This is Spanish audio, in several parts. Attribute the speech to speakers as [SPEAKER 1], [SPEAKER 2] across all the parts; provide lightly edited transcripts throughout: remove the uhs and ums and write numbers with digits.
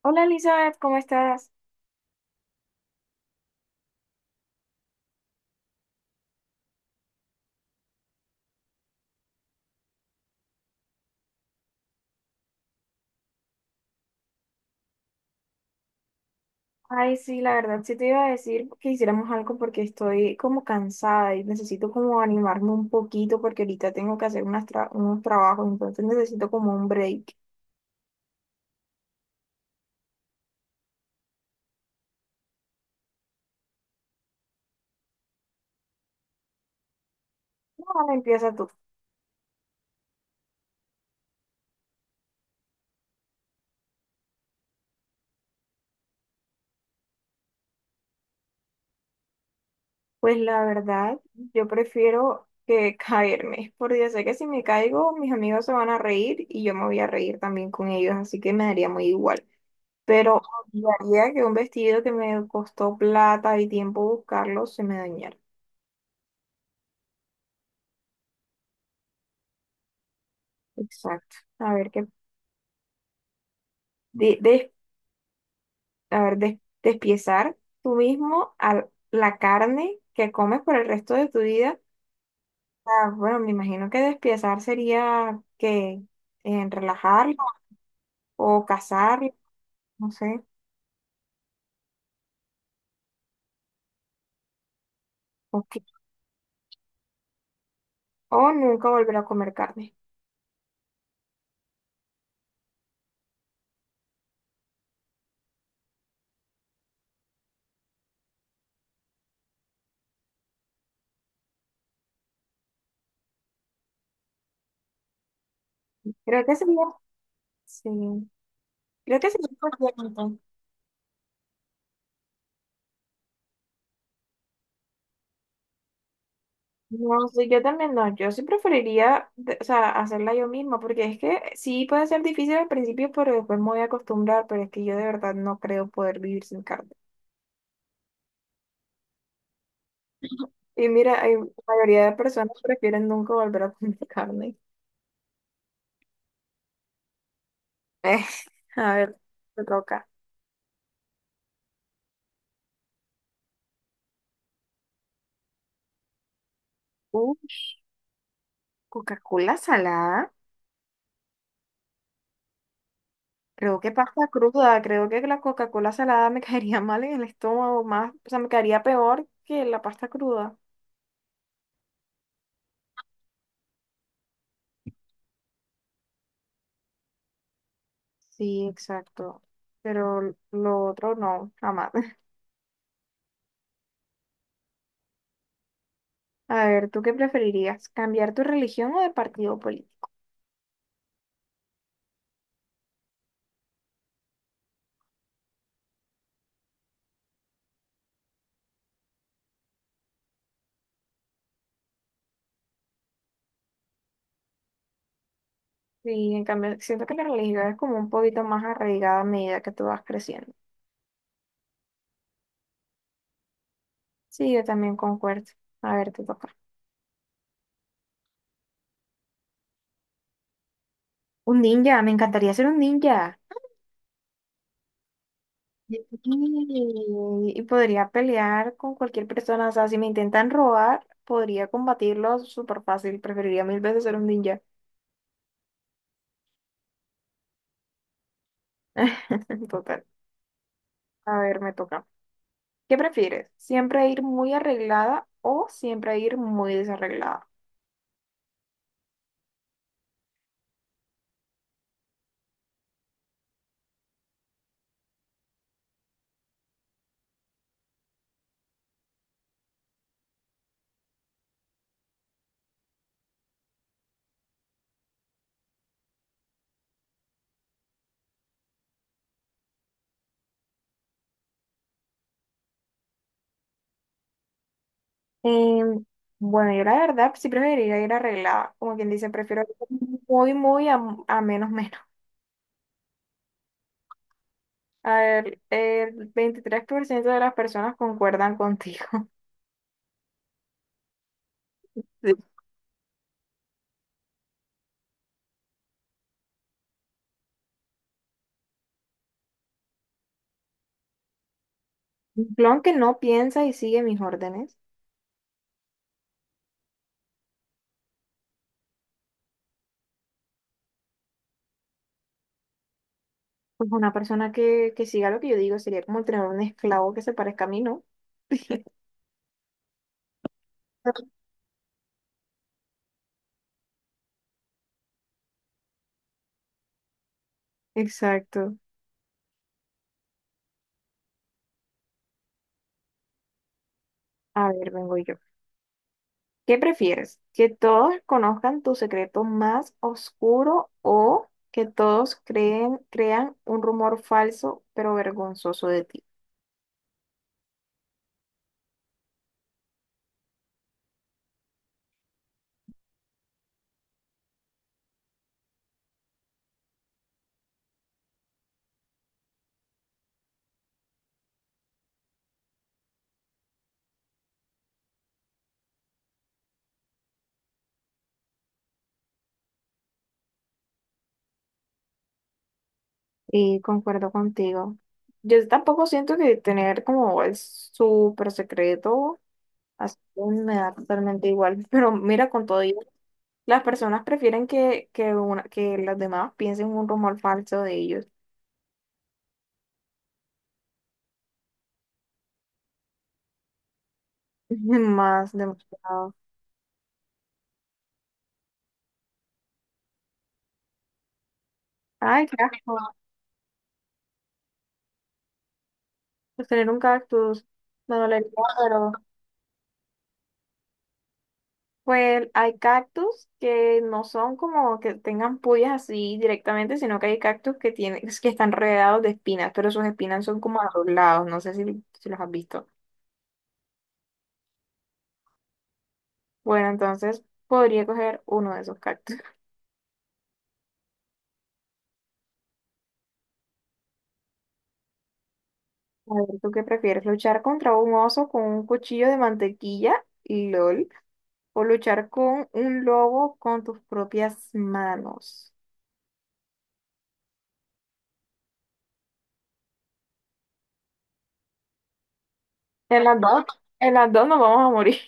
[SPEAKER 1] Hola Elizabeth, ¿cómo estás? Ay, sí, la verdad, sí te iba a decir que hiciéramos algo porque estoy como cansada y necesito como animarme un poquito porque ahorita tengo que hacer unos trabajos, entonces necesito como un break. No, empieza tú. Pues la verdad, yo prefiero que caerme, porque sé que si me caigo, mis amigos se van a reír y yo me voy a reír también con ellos, así que me daría muy igual. Pero odiaría que un vestido que me costó plata y tiempo buscarlo se me dañara. Exacto. A ver, que de, de- a ver, despiezar tú mismo a la carne que comes por el resto de tu vida. Ah, bueno, me imagino que despiezar sería que en relajarlo o cazarlo, no sé, o, que- o nunca volver a comer carne. Creo que sería, sí, creo que sería importante. No, sí, yo también no, yo sí preferiría, o sea, hacerla yo misma, porque es que sí puede ser difícil al principio, pero después me voy a acostumbrar, pero es que yo de verdad no creo poder vivir sin carne. Y mira, la mayoría de personas prefieren nunca volver a comer carne. Eh, a ver, me toca. Uh, Coca-Cola salada, creo que pasta cruda, creo que la Coca-Cola salada me caería mal en el estómago, más, o sea, me caería peor que la pasta cruda. Sí, exacto, pero lo otro no, jamás. A ver, ¿tú qué preferirías? ¿Cambiar tu religión o de partido político? Sí, en cambio, siento que la religión es como un poquito más arraigada a medida que tú vas creciendo. Sí, yo también concuerdo. A ver, te toca. Un ninja, me encantaría ser un ninja. Y, y podría pelear con cualquier persona. O sea, si me intentan robar, podría combatirlos súper fácil. Preferiría mil veces ser un ninja. Total. A ver, me toca. ¿Qué prefieres? ¿Siempre ir muy arreglada o siempre ir muy desarreglada? Em, bueno, yo la verdad sí preferiría ir arreglada, como quien dice, prefiero ir muy, muy a menos, menos. A ver, el 23% de las personas concuerdan contigo. Sí. Un clon que no piensa y sigue mis órdenes, pues una persona que siga lo que yo digo sería como tener un esclavo que se parezca a mí, ¿no? Exacto. A ver, vengo yo. ¿Qué prefieres? ¿Que todos conozcan tu secreto más oscuro o que todos creen, crean un rumor falso pero vergonzoso de ti? Y concuerdo contigo. Yo tampoco siento que tener como el súper secreto así me da totalmente igual. Pero mira, con todo ello, las personas prefieren que las demás piensen un rumor falso de ellos. Más demostrado. Ay, qué asco. Pues tener un cactus. Me dolería, pero. Pues hay cactus que no son como que tengan puyas así directamente, sino que hay cactus que tienen, que están rodeados de espinas, pero sus espinas son como a los lados, no sé si, si los has visto. Bueno, entonces podría coger uno de esos cactus. A ver, ¿tú qué prefieres? ¿Luchar contra un oso con un cuchillo de mantequilla? LOL. ¿O luchar con un lobo con tus propias manos? En las dos, en las dos nos vamos a morir.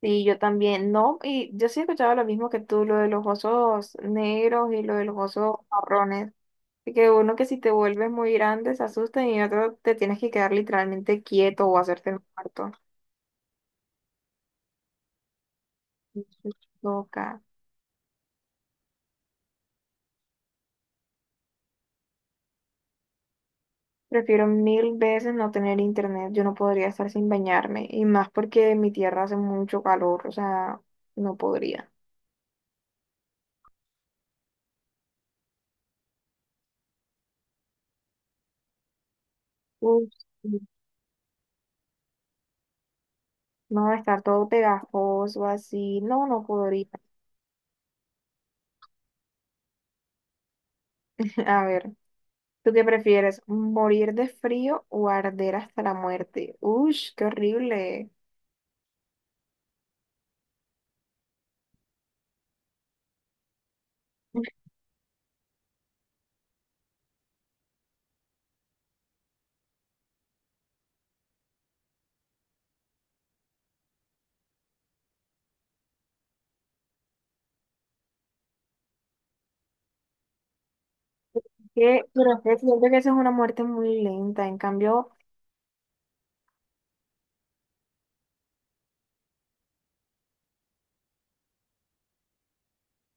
[SPEAKER 1] Sí, yo también, no, y yo sí he escuchado lo mismo que tú, lo de los osos negros y lo de los osos marrones. Así que uno que si te vuelves muy grande se asusta y otro te tienes que quedar literalmente quieto o hacerte el muerto. Eso toca. Prefiero mil veces no tener internet, yo no podría estar sin bañarme, y más porque en mi tierra hace mucho calor, o sea, no podría. Uf, sí. No, estar todo pegajoso así, no, no podría. A ver. ¿Tú qué prefieres? ¿Morir de frío o arder hasta la muerte? Ush, qué horrible. ¿Qué? Pero es que siento que esa es una muerte muy lenta. En cambio,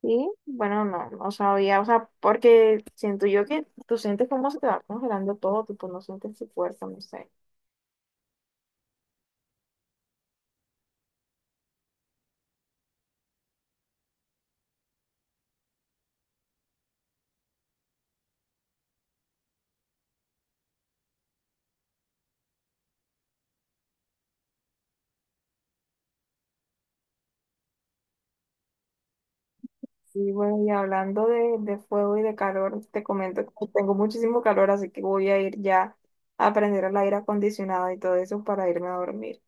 [SPEAKER 1] sí, bueno, no, no sabía. O sea, porque siento yo que tú sientes cómo se te va congelando todo, tipo, no sientes tu cuerpo, no sé. Sí, bueno, y hablando de fuego y de calor, te comento que tengo muchísimo calor, así que voy a ir ya a prender el aire acondicionado y todo eso para irme a dormir.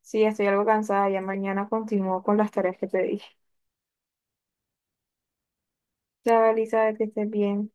[SPEAKER 1] Sí, estoy algo cansada. Ya mañana continúo con las tareas que te dije. Chao, Elizabeth, que estés bien.